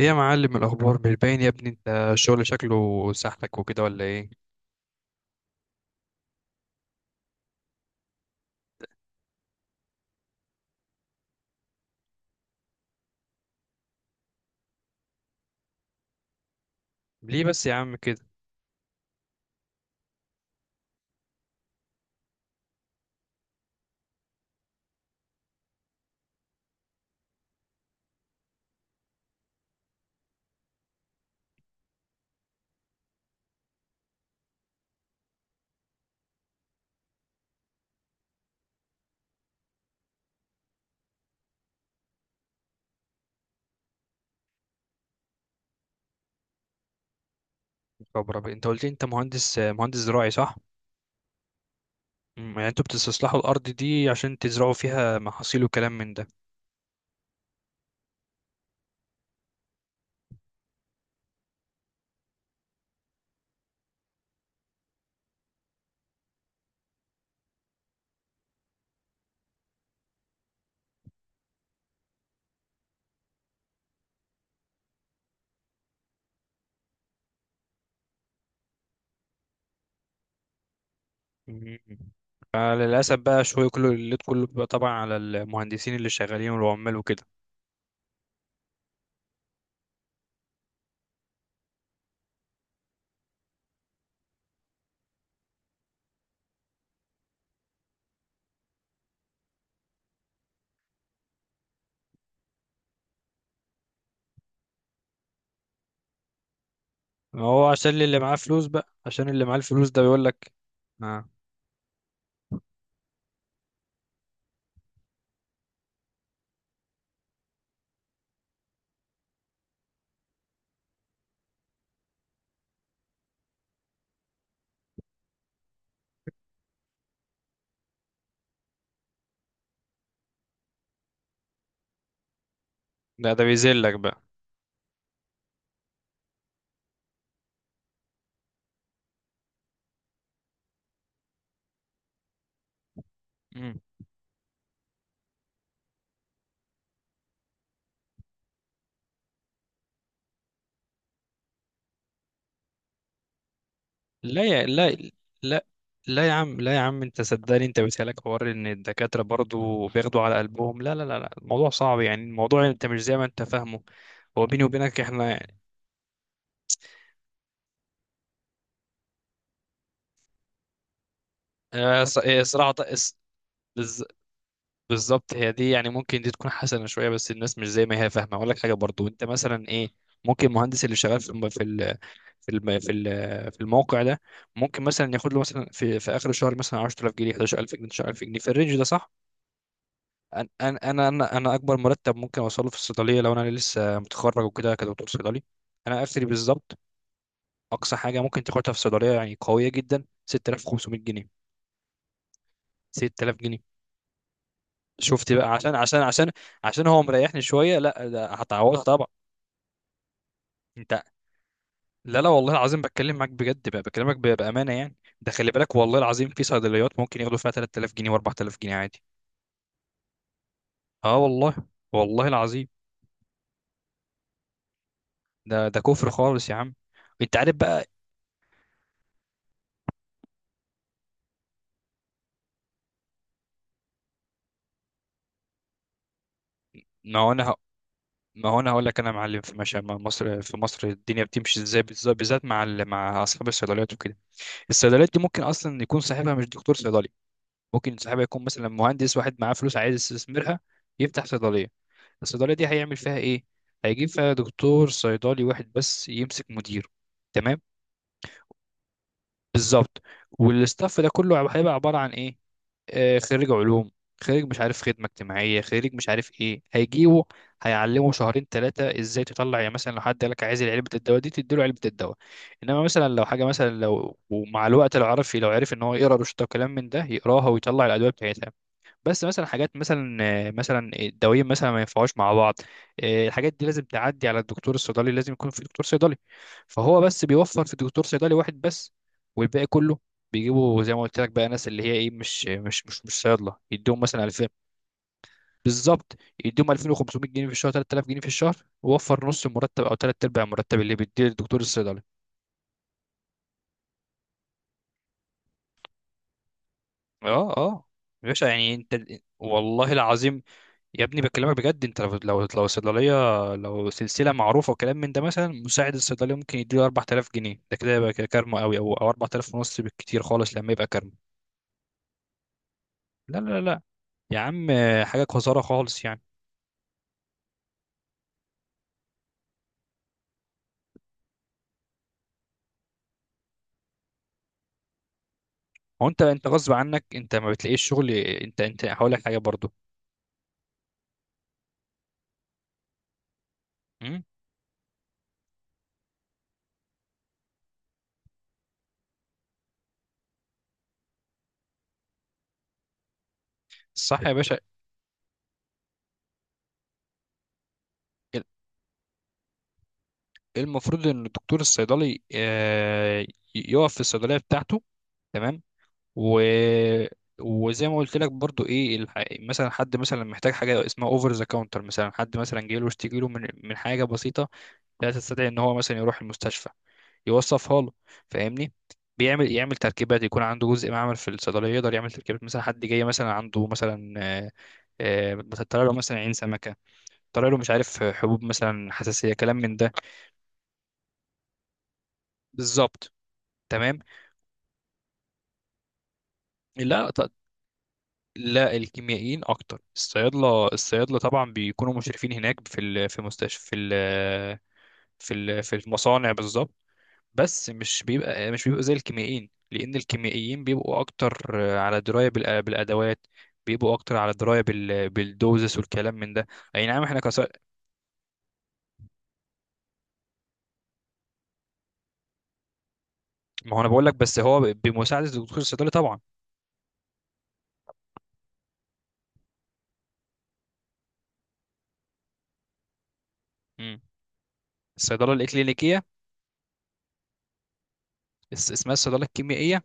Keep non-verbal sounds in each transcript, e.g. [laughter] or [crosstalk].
ايه يا معلم؟ الاخبار مش باين يا ابني انت. الشغل شكله سحلك وكده ولا ايه؟ ليه بس يا عم كده؟ خبره بقى. انت قلت لي انت مهندس زراعي صح؟ يعني انتوا بتستصلحوا الارض دي عشان تزرعوا فيها محاصيل وكلام من ده. مم. فللاسف بقى شويه كله الليد كله بيبقى طبعا على المهندسين اللي شغالين والعمال وكده. ما هو عشان اللي معاه فلوس بقى عشان اللي معاه الفلوس ده بيقول لك اه. ده بيذلك بقى. لا يا لا. لا. لا يا عم لا يا عم انت صدقني انت بتهلك حوار ان الدكاترة برضو بياخدوا على قلبهم. لا لا لا لا الموضوع صعب، يعني الموضوع انت مش زي ما انت فاهمه. هو بيني وبينك احنا صراحة بز- بالظبط هي دي. يعني ممكن دي تكون حسنة شوية بس الناس مش زي ما هي فاهمة. اقول لك حاجة برضو انت مثلا ايه. ممكن المهندس اللي شغال في الموقع ده ممكن مثلا ياخد له مثلا في اخر الشهر مثلا 10000 جنيه 11000 جنيه 19000 جنيه في الرينج ده صح؟ انا اكبر مرتب ممكن اوصله في الصيدليه لو انا لسه متخرج وكده كدكتور صيدلي، انا اخري بالظبط. اقصى حاجه ممكن تاخدها في الصيدليه يعني قويه جدا 6500 جنيه، 6000 جنيه. شفت بقى؟ عشان هو مريحني شويه. لا ده هتعوضها طبعا. انت، لا لا والله العظيم بتكلم معاك بجد بقى بكلمك بامانه يعني. ده خلي بالك والله العظيم في صيدليات ممكن ياخدوا فيها 3000 جنيه و4000 جنيه عادي. اه والله، والله العظيم. ده كفر خالص يا عم. انت عارف بقى. ما هو انا ما هو انا هقول لك انا يا معلم في ماشي مع مصر، في مصر الدنيا بتمشي ازاي بالذات مع اصحاب الصيدليات وكده. الصيدليات دي ممكن اصلا يكون صاحبها مش دكتور صيدلي. ممكن صاحبها يكون مثلا مهندس، واحد معاه فلوس عايز يستثمرها يفتح صيدليه. الصيدليه دي هيعمل فيها ايه؟ هيجيب فيها دكتور صيدلي واحد بس يمسك مدير. تمام؟ بالظبط. والاستاف ده كله هيبقى عباره عن ايه؟ خريج علوم، خريج مش عارف خدمة اجتماعية، خريج مش عارف ايه هيجيبه. هيعلمه شهرين ثلاثة ازاي تطلع، يعني مثلا لو حد قالك عايز علبة الدواء دي تديله علبة الدواء. انما مثلا لو حاجة، مثلا لو ومع الوقت لو عرف، لو عرف ان هو يقرا روشته وكلام من ده، يقراها ويطلع الادوية بتاعتها. بس مثلا حاجات مثلا مثلا الدوايين مثلا ما ينفعوش مع بعض. الحاجات دي لازم تعدي على الدكتور الصيدلي، لازم يكون في دكتور صيدلي. فهو بس بيوفر في دكتور صيدلي واحد بس. والباقي كله بيجيبوا زي ما قلت لك بقى ناس اللي هي ايه، مش صيادله، يديهم مثلا 2000 بالظبط. يديهم 2500 جنيه في الشهر 3000 جنيه في الشهر، ووفر نص المرتب او ثلاث ارباع المرتب اللي بيديه الدكتور الصيدلي. اه اه يا باشا. يعني انت والله العظيم يا ابني بكلمك بجد. انت لو صيدليه، لو سلسله معروفه وكلام من ده، مثلا مساعد الصيدليه ممكن يديله 4000 جنيه، ده كده يبقى كارما قوي. او 4000 ونص بالكتير خالص لما يبقى كارما. لا لا لا يا عم، حاجه قذاره خالص يعني. هو انت غصب عنك انت ما بتلاقيش شغل. انت هقول لك حاجه برضو. امم؟ صح يا باشا. ال- المفروض ان الدكتور الصيدلي يقف في الصيدليه بتاعته. تمام. و... وزي ما قلت لك برضو ايه مثلا حد مثلا محتاج حاجه اسمها اوفر ذا كاونتر. مثلا حد مثلا جاي له اشتكي له من حاجه بسيطه، لا تستدعي ان هو مثلا يروح المستشفى، يوصفها له. فاهمني؟ يعمل تركيبات. يكون عنده جزء معمل في الصيدليه يقدر يعمل تركيبات. مثلا حد جاي مثلا عنده مثلا مثلا طلع له مثلا عين سمكه، طلع له مش عارف حبوب مثلا حساسيه كلام من ده. بالظبط. تمام. لا لا، الكيميائيين اكتر. الصيادله طبعا بيكونوا مشرفين هناك في مستشفى، في المصانع بالظبط. بس مش بيبقى زي الكيميائيين، لان الكيميائيين بيبقوا اكتر على درايه بالادوات، بيبقوا اكتر على درايه بالدوزس والكلام من ده. اي نعم احنا ما هو انا بقول لك بس هو بمساعده الدكتور الصيدلي طبعا. مم. الصيدله الاكلينيكيه. اسمها الصيدله الكيميائيه.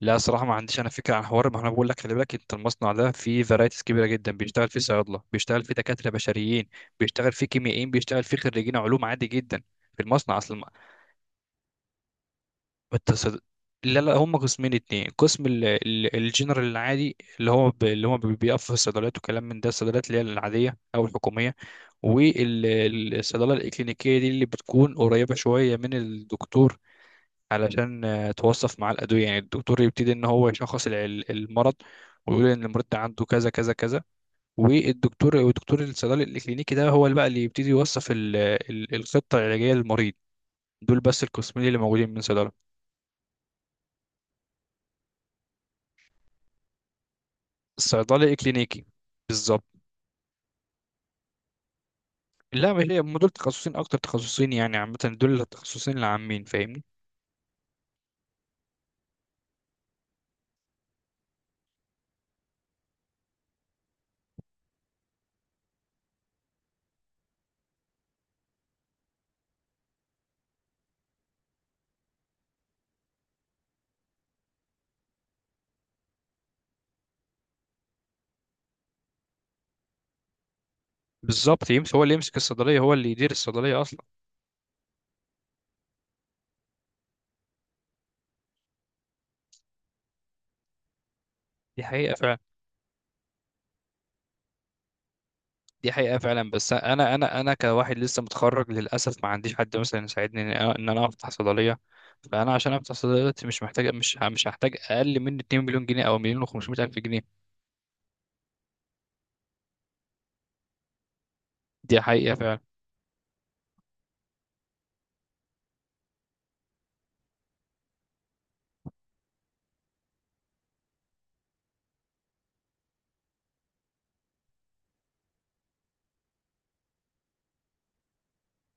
لا صراحة ما عنديش أنا فكرة عن حوار. ما أنا بقول لك خلي بالك أنت المصنع ده فيه فرايتيز كبيرة جدا. بيشتغل فيه صيادلة، بيشتغل فيه دكاترة بشريين، بيشتغل فيه كيميائيين، بيشتغل فيه خريجين علوم عادي جدا في المصنع أصلا. ما- ما التصد... لا لا هم قسمين اتنين. قسم الجنرال العادي اللي هو بيقف في الصيدليات وكلام من ده، الصيدليات اللي هي العادية أو الحكومية. والصيدلة الإكلينيكية دي اللي بتكون قريبة شوية من الدكتور، علشان توصف معاه الأدوية. يعني الدكتور يبتدي إن هو يشخص المرض، ويقول إن المريض ده عنده كذا كذا كذا. والدكتور، والدكتور الصيدلي الكلينيكي ده هو اللي بقى اللي يبتدي يوصف الخطة العلاجية للمريض. دول بس القسمين اللي موجودين من صيدلة. الصيدلي الكلينيكي بالظبط. لا مش هي. هم دول تخصصين، أكتر تخصصين يعني، عامة دول التخصصين العامين. فاهمني؟ بالظبط، يمسك. هو اللي يمسك الصيدلية، هو اللي يدير الصيدلية أصلا. دي حقيقة فعلا. دي حقيقة فعلا بس أنا كواحد لسه متخرج للأسف ما عنديش حد مثلا يساعدني إن أنا إن أنا أفتح صيدلية. فأنا عشان أفتح صيدلية دلوقتي مش محتاج، مش هحتاج أقل من 2 مليون جنيه أو مليون و500 ألف جنيه. دي حقيقة فعلا.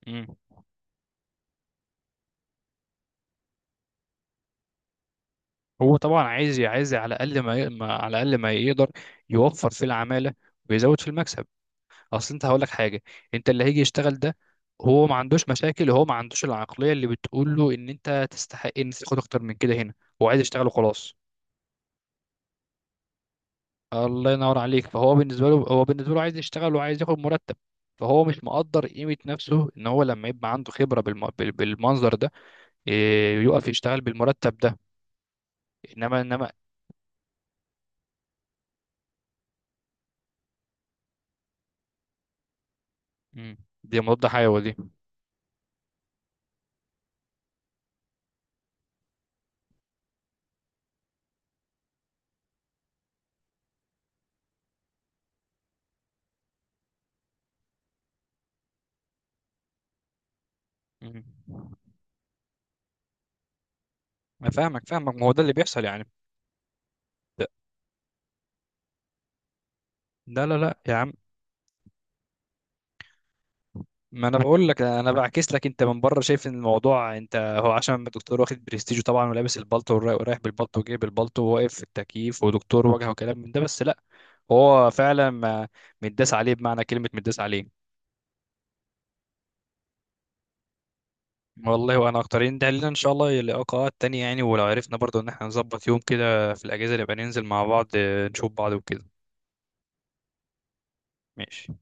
مم. هو طبعا عايز على الأقل ما يقدر يوفر في العمالة ويزود في المكسب. أصل أنت هقول لك حاجة. أنت اللي هيجي يشتغل ده هو ما عندوش مشاكل. هو ما عندوش العقلية اللي بتقول له إن أنت تستحق إن تاخد أكتر من كده هنا. هو عايز يشتغل وخلاص. الله ينور عليك. فهو بالنسبه له، هو بالنسبه له عايز يشتغل وعايز ياخد مرتب. فهو مش مقدر قيمه نفسه ان هو لما يبقى عنده خبره بالمنظر ده، يقف يشتغل بالمرتب ده. انما مم. دي مضاد حيوي دي. مم. انا فاهمك، ما هو ده اللي بيحصل يعني. ده- لا لا لا يا عم، ما انا [laughs] بقول لك انا بعكس لك انت من بره شايف ان الموضوع انت، هو عشان الدكتور واخد برستيجه طبعا ولابس البلطو ورايح بالبلطو وجايب البلطو وواقف في التكييف ودكتور وجهه وكلام من ده، بس لا. هو فعلا ما- متداس عليه بمعنى كلمة متداس عليه. والله وانا اكترين ده لنا ان شاء الله لقاءات تانية يعني. ولو عرفنا برضو ان احنا نظبط يوم كده في الاجازة نبقى ننزل مع بعض، نشوف بعض وكده. ماشي.